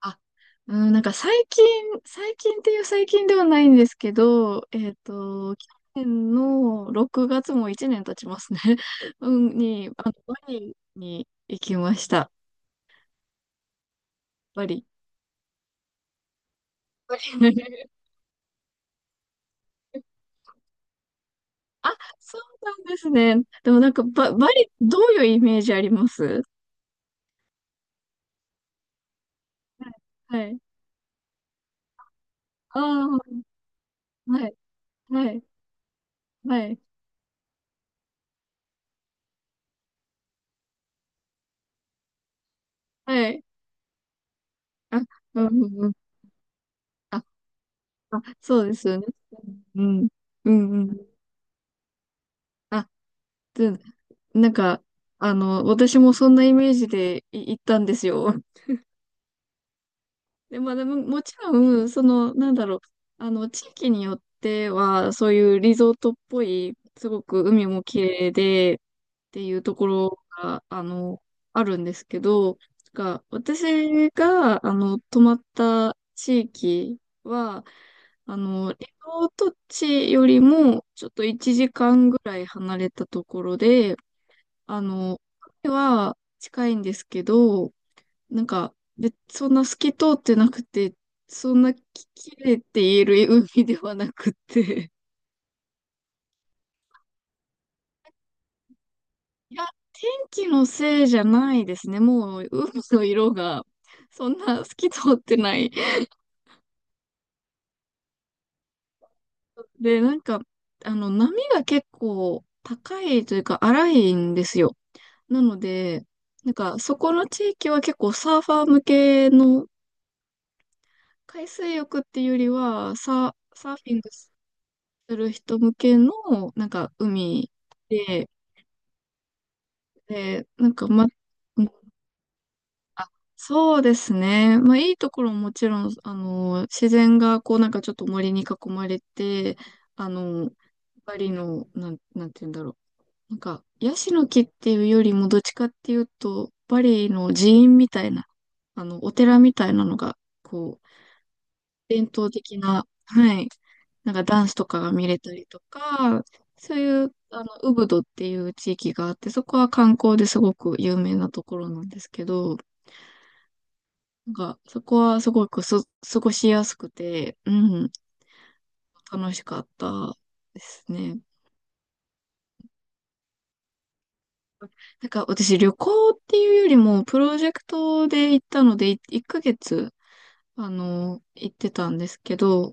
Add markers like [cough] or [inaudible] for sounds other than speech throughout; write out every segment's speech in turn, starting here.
あ、うん、なんか最近、最近っていう最近ではないんですけど、去年の6月も1年経ちますね。[laughs] うん、バリに行きました。バリ。バリ [laughs] あ、そうなんですね。でもなんかバリ、どういうイメージあります？はい。はい。ああ、はい。はい。はい。はい。あ、うんうんうん。あ、あ、そうですよね。うん。うんうん。あ、うんなんか、あの、私もそんなイメージで行ったんですよ。[laughs] で、まあでも、もちろん、その、あの、地域によっては、そういうリゾートっぽい、すごく海も綺麗で、っていうところが、あの、あるんですけど、私が、あの、泊まった地域は、あの、リゾート地よりも、ちょっと1時間ぐらい離れたところで、あの、海は近いんですけど、なんか、そんな透き通ってなくて、そんなき、綺麗って言える海ではなくて。いや、天気のせいじゃないですね。もう、海の色が、そんな透き通ってない。で、なんか、あの、波が結構高いというか、荒いんですよ。なので、なんか、そこの地域は結構サーファー向けの海水浴っていうよりは、サーフィングする人向けの、なんか、海で、なんか、ま、うんあ、そうですね。まあ、いいところももちろん、あの、自然が、こう、なんかちょっと森に囲まれて、あの、バリの、なんて言うんだろう。なんか、ヤシの木っていうよりも、どっちかっていうと、バリの寺院みたいな、あの、お寺みたいなのが、こう、伝統的な、はい、なんかダンスとかが見れたりとか、そういう、あの、ウブドっていう地域があって、そこは観光ですごく有名なところなんですけど、なんか、そこはすごく過ごしやすくて、うん、楽しかったですね。なんか、私、旅行っていうよりも、プロジェクトで行ったので、1ヶ月、あの、行ってたんですけど、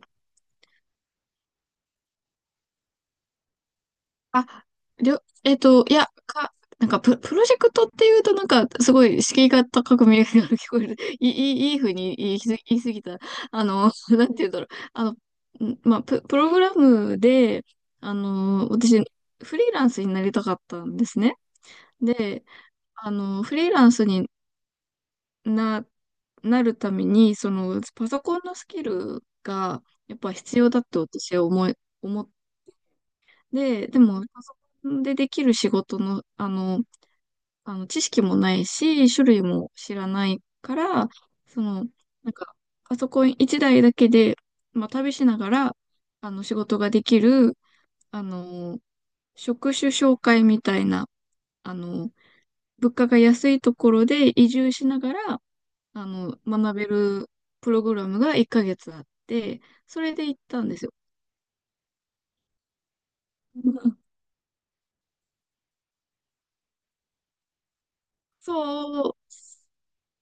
あ、りょ、えっと、いや、なんかプロジェクトっていうと、なんか、すごい敷居が高く見えるように聞こえる。いい風に言い過ぎた。あの、[laughs] なんて言うんだろう。あの、プログラムで、あの、私、フリーランスになりたかったんですね。で、あの、フリーランスにな、なるために、その、パソコンのスキルが、やっぱ必要だって私は思い、思っで、でも、パソコンでできる仕事の、あの、知識もないし、種類も知らないから、その、なんか、パソコン一台だいだけで、まあ、旅しながら、あの、仕事ができる、あの、職種紹介みたいな、あの、物価が安いところで移住しながら、あの、学べるプログラムが1ヶ月あって、それで行ったんですよ。[laughs] そう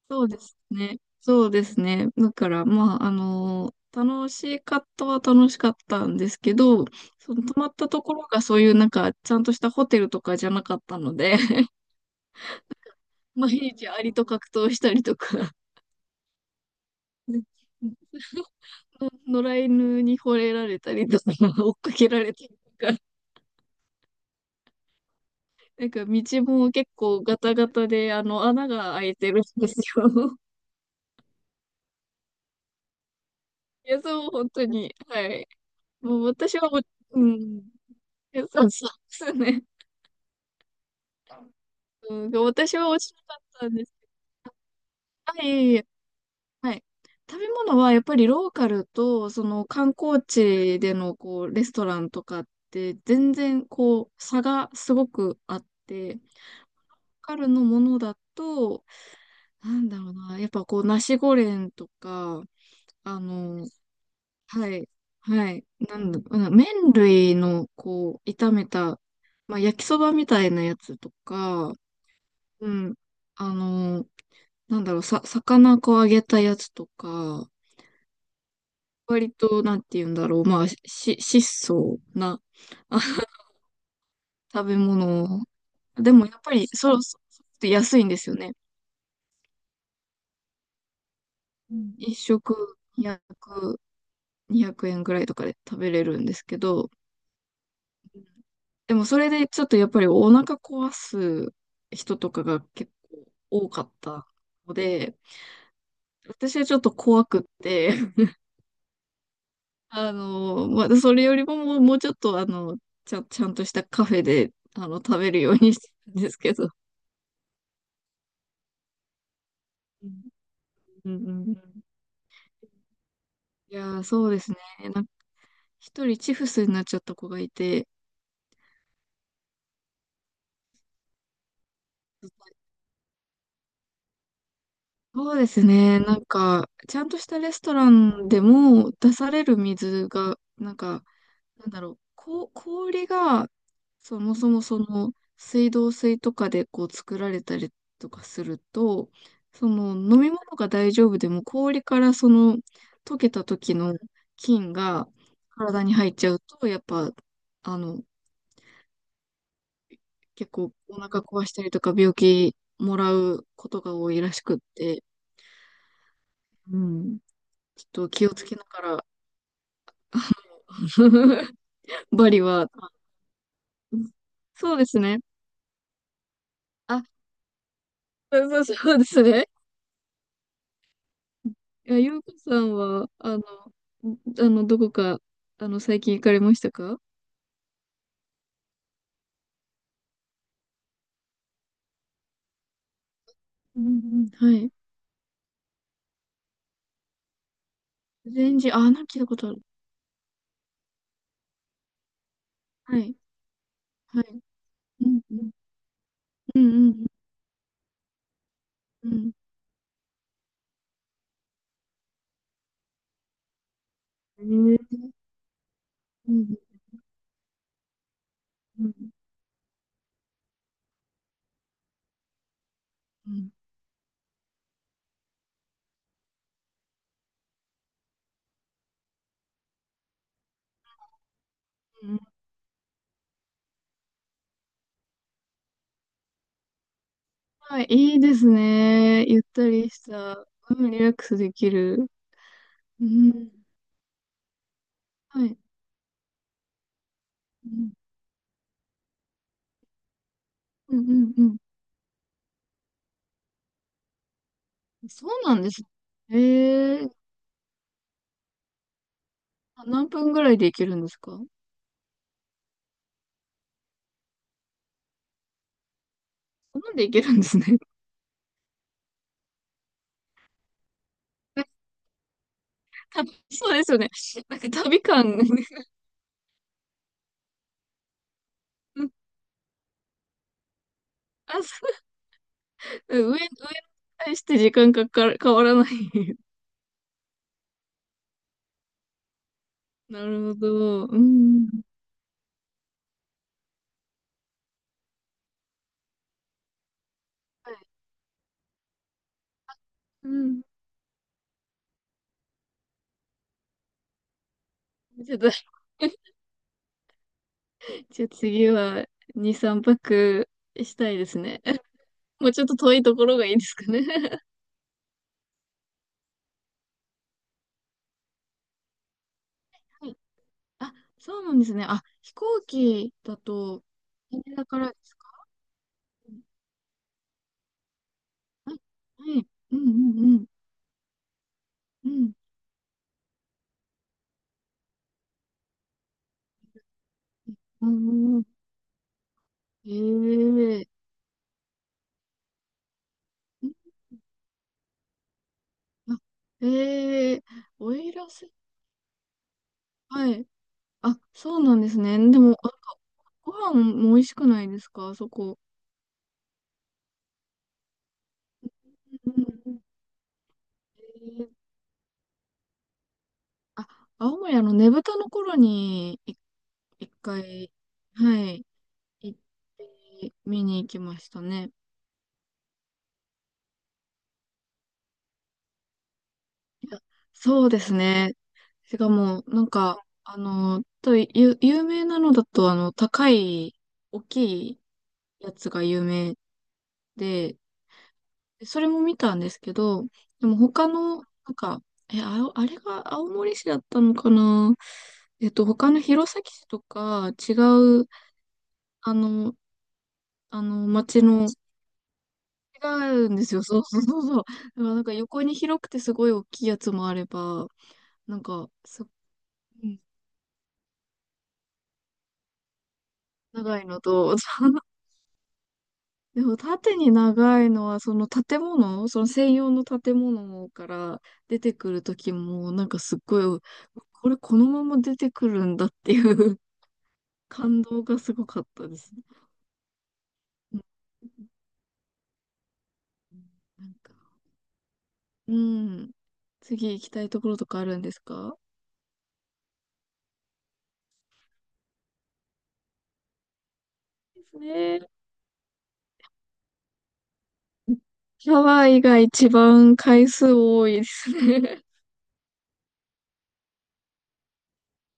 そうですね。そうですね。だから、まあ、あの、楽しかったは楽しかったんですけど、その泊まったところがそういうなんか、ちゃんとしたホテルとかじゃなかったので、[laughs] 毎日アリと格闘したりとか、[laughs] で野良犬に惚れられたりとか、[laughs] 追っかけられたりとか、なんか道も結構ガタガタで、あの、穴が開いてるんですよ。[laughs] いや、そう、本当に。はい。もう私はもう、うん。いやそうそうですね。うん、私は落ちなかったんです。あ、いえいえ。はい。食べ物はやっぱりローカルと、その観光地でのこう、レストランとかって、全然こう、差がすごくあって、ローカルのものだと、なんだろうな、やっぱこう、ナシゴレンとか、あの、はい、はい、なんだ、うん麺類のこう、炒めた、まあ、焼きそばみたいなやつとか、うん、あの、なんだろう、魚こう揚げたやつとか、割と、なんて言うんだろう、まあ、質素なあ [laughs] 食べ物。でも、やっぱり、そう、そうそう安いんですよね。うん一食200円ぐらいとかで食べれるんですけど、うんでもそれでちょっとやっぱりお腹壊す人とかが結構多かったので、私はちょっと怖くって、あの、まあ、それよりももう、もうちょっと、あの、ちゃんとしたカフェで、あの、食べるようにしてるんですけど。うんうんうんうんいやー、そうですね。なんか、一人チフスになっちゃった子がいて、そうですね。なんか、ちゃんとしたレストランでも出される水が、なんか、なんだろう、氷が、そもそもその、水道水とかでこう作られたりとかすると、その飲み物が大丈夫でも氷からその溶けた時の菌が体に入っちゃうと、やっぱ、あの、結構お腹壊したりとか病気もらうことが多いらしくって、うん、ちょっと気をつけながら、[laughs] バリは、そうですね。あ、そうそうそうですね。いや、ゆうこさんは、あの、どこか、あの、最近行かれましたか？うんうん、はい。全然、あ、なんか聞いたことある。はい、はい。うんうん、うんうん、うん。えーうんうん、うん、うん。はい、いいですね。ゆったりした、うん、リラックスできる。うん、はい。うん、うん、うん。うんそうなんです。えー、あ何分ぐらいで行けるんですか？なんで行けるんですね。たそうですよね。なんか旅感、[laughs] あ、そう上に対して時間かかる、変わらない。[laughs] なるほど。うん。はい。うん。ちょっと、じゃあ次は2、3泊したいですね。[laughs] もうちょっと遠いところがいいですかね。[laughs] はいあ、そうなんですね。あ、飛行機だと、羽田からですか？はい。はい。うんうんうん。うん。うんうんうんええー。あええー、奥入瀬はい。あ、そうなんですね。でも、なんかご飯も美味しくないですか、あそこ？うんうんえーあ、青森、あの、ねぶたの頃に、一回、はい、行って、見に行きましたね。いや、そうですね。しかも、なんか、あの、有名なのだと、あの、高い、大きいやつが有名で、それも見たんですけど、でも他の、なんか、え、あお、あれが青森市だったのかな。他の弘前市とか違う、あの、あの、町の、違うんですよ。そう [laughs] そうそうそう。だからなんか横に広くてすごい大きいやつもあれば、なんか、うん長いのと、そうでも縦に長いのは、その建物、その専用の建物から出てくるときも、なんかすっごい、これこのまま出てくるんだっていう [laughs] 感動がすごかったですね。うんなんか、うん。次行きたいところとかあるんですか？ですね。ハワイが一番回数多いですね。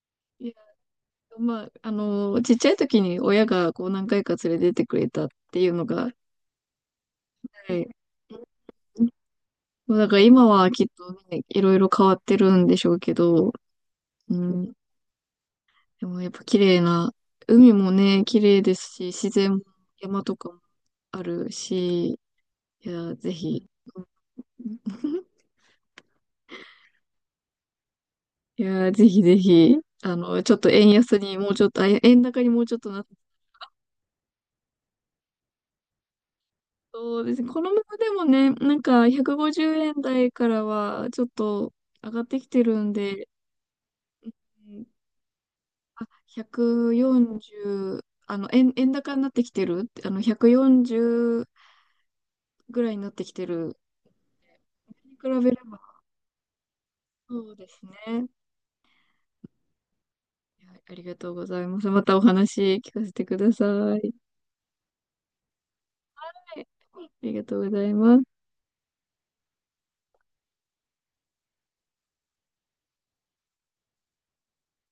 [laughs] いや、まあ、あの、ちっちゃい時に親がこう何回か連れてってくれたっていうのが、はい。そうだから今はきっとね、いろいろ変わってるんでしょうけど、うん。でもやっぱ綺麗な、海もね、綺麗ですし、自然も山とかもあるし、いや、ぜひ。うん [laughs] いや、ぜひぜひ、あの、ちょっと円安にもうちょっと、あ、円高にもうちょっとなってそうですね。このままでもね、なんか150円台からはちょっと上がってきてるんで、うん140、あの、円高になってきてるあの、140ぐらいになってきてる。に比べれば、そうですね。いやありがとうございます。またお話聞かせてください。はいありがとうございます。